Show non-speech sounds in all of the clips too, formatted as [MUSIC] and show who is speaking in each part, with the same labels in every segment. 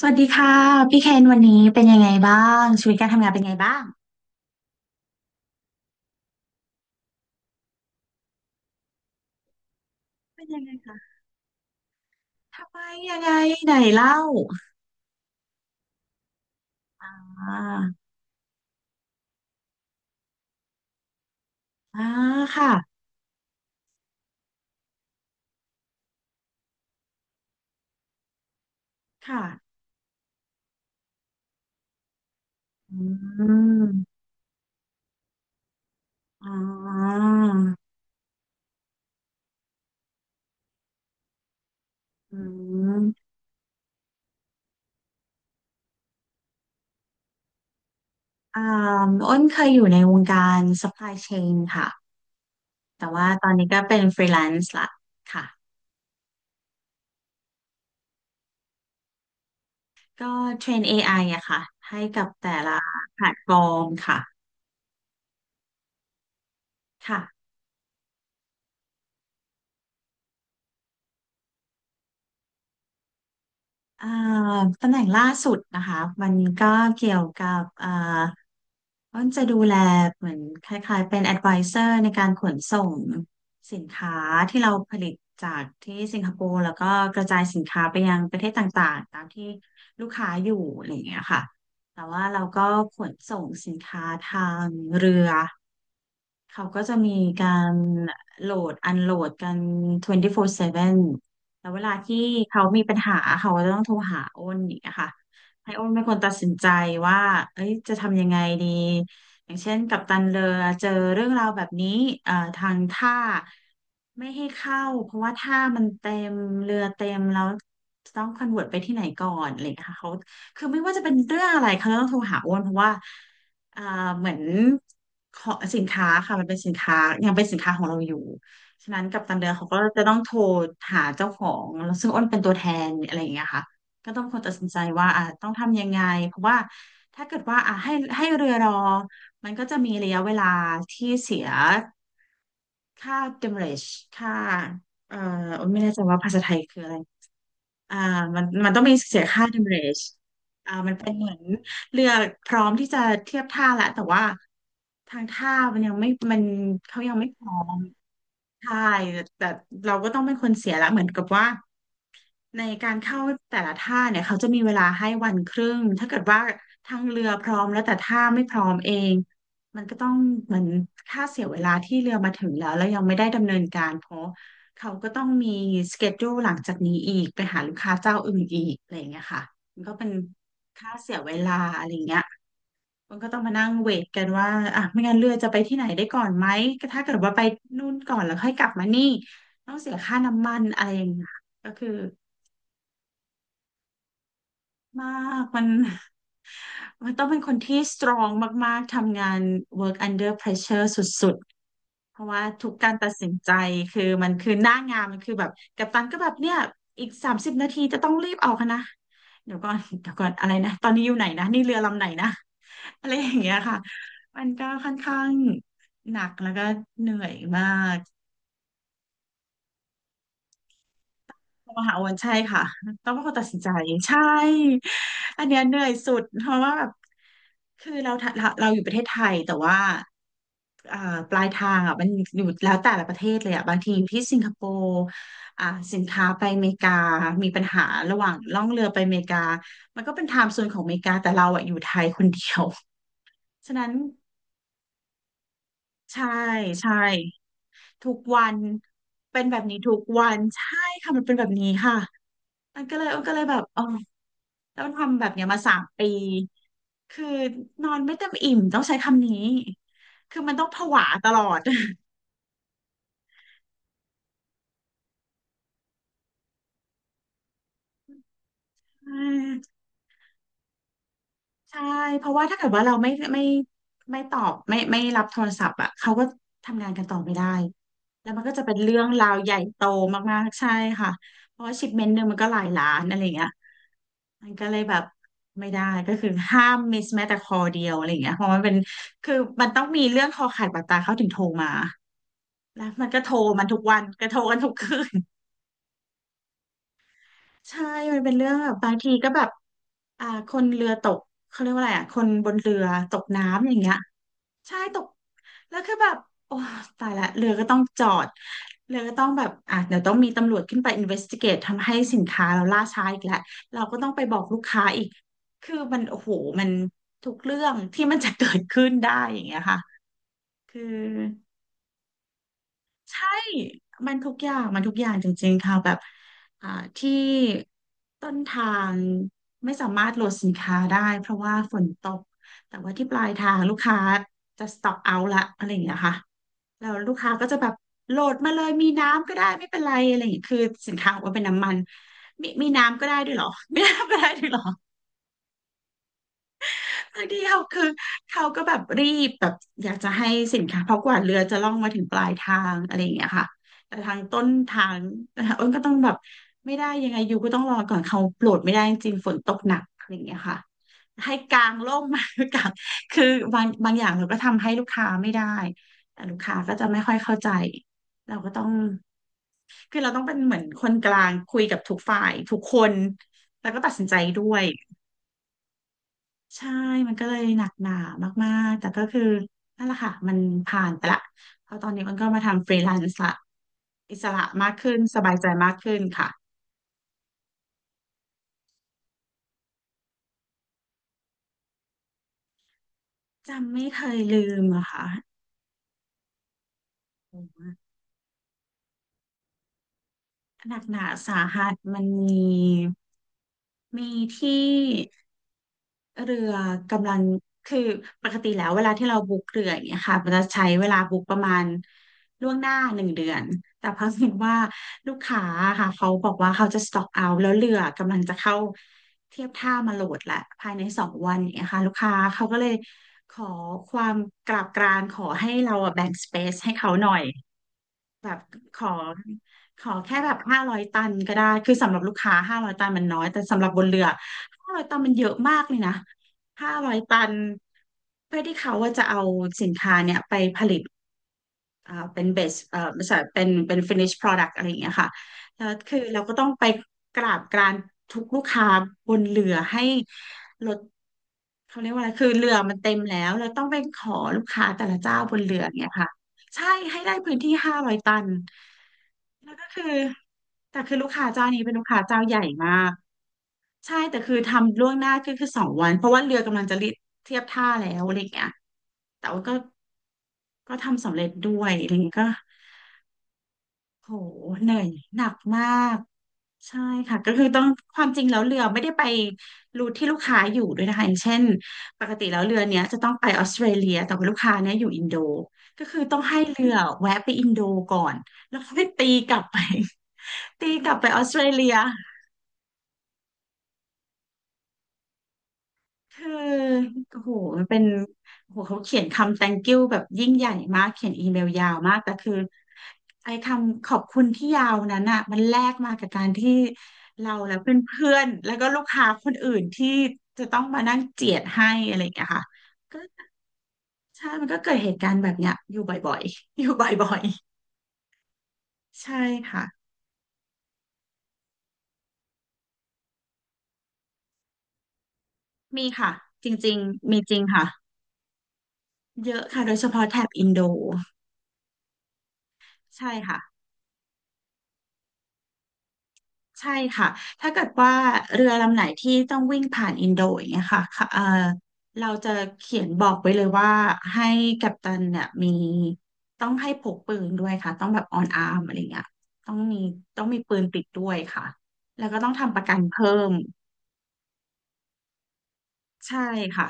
Speaker 1: สวัสดีค่ะพี่เคนวันนี้เป็นยังไงบ้างชีวิตการทำงานเป็นไงบ้างเป็นยังไงคะทำไมยังไงไหนเล่าอ่าอ่าค่ะค่ะอืมอ๋ออืมอ่าอ้นเคยอยู่ในวงการ supply chain ค่ะแต่ว่าตอนนี้ก็เป็น freelance ละค่ะก็เทรน AI อไออะค่ะให้กับแต่ละแพลตฟอร์มค่ะค่ะ อ่าตำแหน่งล่าสุดนะคะมันก็เกี่ยวกับมันจะดูแลเหมือนคล้ายๆเป็น advisor ในการขนส่งสินค้าที่เราผลิตจากที่สิงคโปร์แล้วก็กระจายสินค้าไปยังประเทศต่างๆตามที่ลูกค้าอยู่อะไรอย่างเงี้ยค่ะแต่ว่าเราก็ขนส่งสินค้าทางเรือ เขาก็จะมีการโหลดอันโหลดกัน24/7แล้วเวลาที่เขามีปัญหาเขาก็ต้องโทรหาอ้นอย่างเงี้ยค่ะให้อ้นเป็นคนตัดสินใจว่าเอ้ยจะทำยังไงดี อย่างเช่นกัปตันเรือ เจอเรื่องราวแบบนี้ทางท่าไม่ให้เข้าเพราะว่าท่ามันเต็มเรือเต็มแล้วต้องคอนเวิร์ตไปที่ไหนก่อนอะไรอย่างเงี้ยค่ะเขาคือไม่ว่าจะเป็นเรื่องอะไรเขาต้องโทรหาอ้นเพราะว่า อ่าเหมือนขอสินค้าค่ะมันเป็นสินค้ายังเป็นสินค้าของเราอยู่ฉะนั้นกัปตันเรือเขาก็จะต้องโทรหาเจ้าของแล้วซึ่งอ้นเป็นตัวแทนอะไรอย่างเงี้ยค่ะก็ต้องคนตัดสินใจว่าต้องทำยังไงเพราะว่าถ้าเกิดว่าให้เรือรอมันก็จะมีระยะเวลาที่เสียค่า demurrage ค่าเอ่ออ้นไม่แน่ใจว่าภาษาไทยคืออะไร อ่ามันต้องมีเสียค่า demurrage อ่ามันเป็นเหมือนเรือพร้อมที่จะเทียบท่าแล้วแต่ว่าทางท่ามันยังไม่มันเขายังไม่พร้อมใช่แต่เราก็ต้องเป็นคนเสียละเหมือนกับว่า ในการเข้าแต่ละท่าเนี่ยเขาจะมีเวลาให้วันครึ่ง ถ้าเกิดว่าทางเรือพร้อมแล้วแต่ท่าไม่พร้อมเองมันก็ต้องเหมือนค่าเสียเวลาที่เรือมาถึงแล้วแล้วยังไม่ได้ดำเนินการเพราะเขาก็ต้องมีสเกจ u ู e หลังจากนี้อีกไปหาลูกค้าเจ้าอื่นอีกอะไรอย่างเงี้ยค่ะมันก็เป็นค่าเสียเวลาอะไรอย่างเงี้ยมันก็ต้องมานั่งเวทกันว่าอ่ะไม่งั้นเรือจะไปที่ไหนได้ก่อนไหมก็ถ้าเกิดว่าไปนู่นก่อนแล้วค่อยกลับมานี่ต้องเสียค่าน้ำมันอะไรอย่างเงี้ยก็คือ มากมัน [LAUGHS] มันต้องเป็นคนที่สตรองมากๆ ทำงาน work under pressure สุดๆ เพราะว่าทุกการตัดสินใจคือมันคือหน้างานมันคือแบบกัปตันก็แบบเนี่ยอีก30 นาทีจะต้องรีบออกนะเดี๋ยวก่อนเดี๋ยวก่อนอะไรนะตอนนี้อยู่ไหนนะนี่เรือลำไหนนะอะไรอย่างเงี้ยค่ะมันก็ค่อนข้างหนักแล้วก็เหนื่อยมาก โทรมาหาอ้วันใช่ค่ะต้องเป็นคนตัดสินใจใช่อันเนี้ยเหนื่อยสุดเพราะว่าแบบคือเราอยู่ประเทศไทยแต่ว่าอ่าปลายทางอ่ะมันอยู่แล้วแต่ละประเทศเลยอ่ะบางทีอยู่ที่สิงคโปร์อ่าสินค้าไปอเมริกามีปัญหาระหว่างล่องเรือไปอเมริกามันก็เป็นไทม์โซนของอเมริกาแต่เราอ่ะอยู่ไทยคนเดียว [LAUGHS] ฉะนั้นใช่ใช่ทุกวันเป็นแบบนี้ทุกวันใช่ค่ะมันเป็นแบบนี้ค่ะมันก็เลยแบบอ๋อ ต้องทำแบบเนี้ยมา3 ปีคือนอนไม่เต็มอิ่มต้องใช้คำนี้ คือมันต้องผวาตลอด [LAUGHS] ใช่ใช่เพราะว่าถ้าเกิดว่าเราไม่ไม่ไม่ตอบไม่รับโทรศัพท์อ่ะเขาก็ทำงานกันต่อไม่ได้ แล้วมันก็จะเป็นเรื่องราวใหญ่โตมากๆใช่ค่ะ เพราะว่าชิปเมนต์หนึ่งมันก็หลายล้านอะไรอย่างเงี้ยมันก็เลยแบบไม่ได้ก็คือห้ามมิสแม้แต่คอเดียวอะไรอย่างเงี้ยเพราะมันเป็นคือมันต้องมีเรื่องคอขาดบาดตายเขาถึงโทรมา แล้วมันก็โทรมันทุกวันก็โทรกันทุกคืนใช่มันเป็นเรื่องแบบบางทีก็แบบคนเรือตกเขาเรียกว่าอะไรอ่ะคนบนเรือตกน้ำอย่างเงี้ยใช่ตกแล้วคือแบบโอ้ตายละเรือก็ต้องจอดเรือก็ต้องแบบอ่ะเดี๋ยวต้องมีตำรวจขึ้นไป i n v e s t i g เก e ทำให้สินค้าเราล่าช้าอีกแล้วเราก็ต้องไปบอกลูกค้าอีกคือมันโอ้โหมันทุกเรื่องที่มันจะเกิดขึ้นได้อย่างเงี้ยค่ะคือ ใช่มันทุกอย่างจริงๆค่ะแบบอ่าที่ต้นทางไม่สามารถโหลดสินค้าได้เพราะว่าฝนตกแต่ว่าที่ปลายทางลูกค้าจะสต็อกเอาละอะไรอย่างเงี้ยค่ะแล้วลูกค้าก็จะแบบโหลดมาเลยมีน้ำก็ได้ไม่เป็นไรอะไรอย่างเงี้ยคือสินค้าบอกว่าเป็นน้ำมันมีน้ำก็ได้ด้วยเหรอ [LAUGHS] มีน้ำก็ได้ด้วยเหรอ คือเดียวคือเขาก็แบบรีบแบบอยากจะให้สินค้าเพราะกว่าเรือจะล่องมาถึงปลายทางอะไรอย่างเงี้ยค่ะแต่ทางต้นทาง [LAUGHS] อ้นก็ต้องแบบไม่ได้ยังไงอยู่ก็ต้องรอก่อนเขาโปรดไม่ได้จริงๆฝนตกหนักอะไรอย่างเงี้ยค่ะให้กางร่มมา [LAUGHS] กางคือบางอย่างเราก็ทำให้ลูกค้าไม่ได้แต่ลูกค้าก็จะไม่ค่อยเข้าใจเราก็ต้องคือเราต้องเป็นเหมือนคนกลางคุยกับทุกฝ่ายทุกคนแล้วก็ตัดสินใจด้วย ใช่มันก็เลยหนักหนามากๆ แต่ก็คือนั่นแหละค่ะมันผ่านไปละเพราะตอนนี้มันก็มาทำฟรีแลนซ์ละอิสระมากขึ้นสบายใจมากขึ้นค่ะจำไม่เคยลืมอะค่ะหนักหนาสาหัสมันมีมีที่ เรือกำลังคือปกติแล้วเวลาที่เราบุ๊กเรืออย่างเงี้ยค่ะมันจะใช้เวลาบุ๊กประมาณล่วงหน้า1 เดือนแต่เพิ่งเห็นว่าลูกค้าค่ะเขาบอกว่าเขาจะสต็อกเอาแล้วเรือกำลังจะเข้าเทียบท่ามาโหลดละภายในสองวันอย่างเงี้ยค่ะลูกค้าเขาก็เลยขอความกราบกรานขอให้เราอะแบ่งสเปซให้เขาหน่อย แบบขอแค่แบบห้าร้อยตันก็ได้คือสำหรับลูกค้าห้าร้อยตันมันน้อยแต่สำหรับบนเรือห้าร้อยตันมันเยอะมากเลยนะห้าร้อยตันเพื่อที่เขาว่าจะเอาสินค้าเนี่ยไปผลิต เป็นเบสไม่ใช่เป็น finish product อะไรอย่างเงี้ยค่ะแล้วคือเราก็ต้องไปกราบกรานทุกลูกค้าบนเรือให้ลดเขาเรียกว่าอะไรคือเรือมันเต็มแล้วเราต้องไปขอลูกค้าแต่ละเจ้าบนเรืออย่างเงี้ยค่ะใช่ให้ได้พื้นที่ห้าร้อยตันแล้วก็คือแต่คือลูกค้าเจ้านี้เป็นลูกค้าเจ้าใหญ่มาก ใช่แต่คือทำล่วงหน้าก็คือสองวันเพราะว่าเรือกำลังจะเทียบท่าแล้วอะไรอย่างเงี้ยแต่ว่าก็ก็ทำสำเร็จด้วยอะไรอย่างเงี้ยก็โหเหนื่อยหนักมากใช่ค่ะก็คือต้องความจริงแล้วเรือไม่ได้ไปรูทที่ลูกค้าอยู่ด้วยนะคะอย่างเช่นปกติแล้วเรือเนี้ยจะต้องไปออสเตรเลียแต่ว่าลูกค้าเนี้ยอยู่อินโดก็คือต้องให้เรือแวะไปอินโดก่อนแล้วค่อยตีกลับไป [LAUGHS] ตีกลับไปออสเตรเลีย คือโอ้โหมันเป็นโอ้โหเขาเขียนคำ thank you แบบยิ่งใหญ่มากเขียนอีเมลยาวมากแต่คือไอ้คำขอบคุณที่ยาวนั้นอ่ะมันแลกมากับการที่เราและเพื่อนๆแล้วก็ลูกค้าคนอื่นที่จะต้องมานั่งเจียดให้อะไรอย่างเงี้ยค่ะก็ใช่มันก็เกิดเหตุการณ์แบบเนี้ยอยู่บ่อยๆอยู่บ่อยๆใช่ค่ะมีค่ะจริงๆมีจริงค่ะเยอะค่ะโดยเฉพาะแถบอินโดใช่ค่ะ ใช่ค่ะ ถ้าเกิดว่าเรือลำไหนที่ต้องวิ่งผ่านอินโดอย่างเงี้ยค่ะค่ะเราจะเขียนบอกไว้เลยว่าให้กัปตันเนี่ยมีต้องให้พกปืนด้วยค่ะ ต้องแบบออนอาร์มอะไรเงี้ยต้องมีปืนติดด้วยค่ะ แล้วก็ต้องทำประกันเพิ่ม ใช่ค่ะ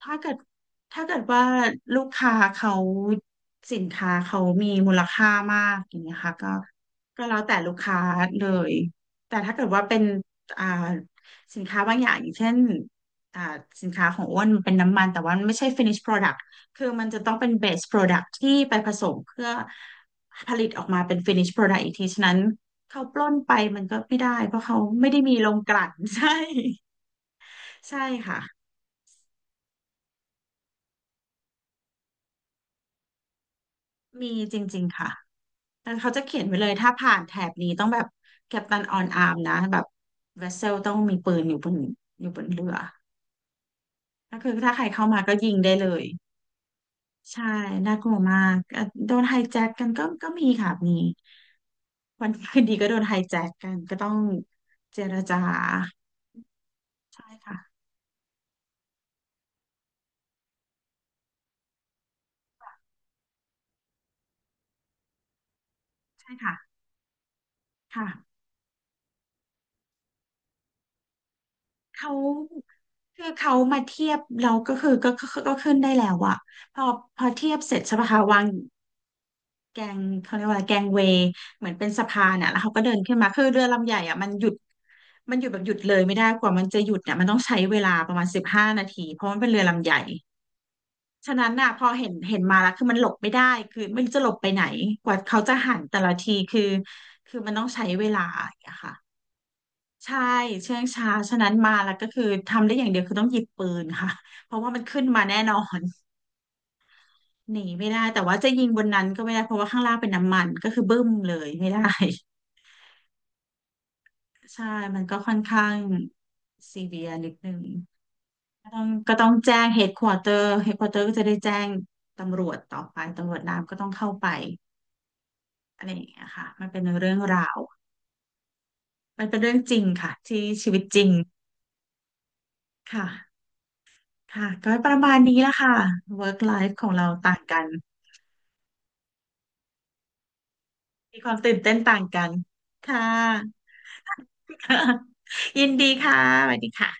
Speaker 1: ถ้าเกิดถ้าเกิดว่าลูกค้าเขาสินค้าเขามีมูลค่ามากอย่างเงี้ยค่ะก็แล้วแต่ลูกค้าเลยแต่ถ้าเกิดว่าเป็นอ่าสินค้าบางอย่างอย่างเช่นอ่าสินค้าของอ้วนมันเป็นน้ำมันแต่ว่ามันไม่ใช่ finish product คือมันจะต้องเป็น base product ที่ไปผสมเพื่อผลิตออกมาเป็น finish product อีกทีฉะนั้นเขาปล้นไปมันก็ไม่ได้เพราะเขาไม่ได้มีโรงกลั่น [LAUGHS] ใช่ใช่ค่ะมีจริงๆค่ะ แต่เขาจะเขียนไว้เลยถ้าผ่านแถบนี้ต้องแบบกัปตันออนอาร์มนะแบบเวสเซลต้องมีปืนอยู่บนเรือก็คือถ้าใครเข้ามาก็ยิงได้เลยใช่น่ากลัวมากโดนไฮแจ็คกันก็มีค่ะมีวันดีคืนดีก็โดนไฮแจ็คกันก็ต้องเจรจาใช่ค่ะใช่ค่ะค่ะเขาคือเขามาเทียบเราก็คือก็ขึ้นได้แล้วอะพอพอเทียบเสร็จใช่ปะคะวาง แกงเขาเรียกว่าอะไรแกงเวย์เหมือนเป็นสะพานอ่ะแล้วเขาก็เดินขึ้นมาคือเรือลำใหญ่อ่ะมันหยุดแบบหยุดเลยไม่ได้กว่ามันจะหยุดเนี่ยมันต้องใช้เวลาประมาณ15 นาทีเพราะมันเป็นเรือลำใหญ่ฉะนั้นน่ะพอเห็นมาแล้วคือมันหลบไม่ได้คือไม่รู้จะหลบไปไหนกว่าเขาจะหันแต่ละทีคือคือมันต้องใช้เวลาอย่างเงี้ยค่ะใช่เชื่องช้าฉะนั้นมาแล้วก็คือทำได้อย่างเดียวคือต้องหยิบปืนค่ะเพราะว่ามันขึ้นมาแน่นอนหนีไม่ได้แต่ว่าจะยิงบนนั้นก็ไม่ได้เพราะว่าข้างล่างเป็นน้ำมันก็คือบึ้มเลยไม่ได้ ใช่มันก็ค่อนข้างซีเวียนิดนึงก็ต้องแจ้งเฮดควอเตอร์เฮดควอเตอร์ก็จะได้แจ้งตำรวจต่อไปตำรวจน้ำก็ต้องเข้าไปอะไรอย่างเงี้ยค่ะมันเป็นเรื่องราวมันเป็นเรื่องจริงค่ะที่ชีวิตจริงค่ะค่ะก็ประมาณนี้ละค่ะ work life ของเราต่างกันมีความตื่นเต้นต่างกันค่ะ [LAUGHS] ยินดีค่ะสวัสดีค่ะ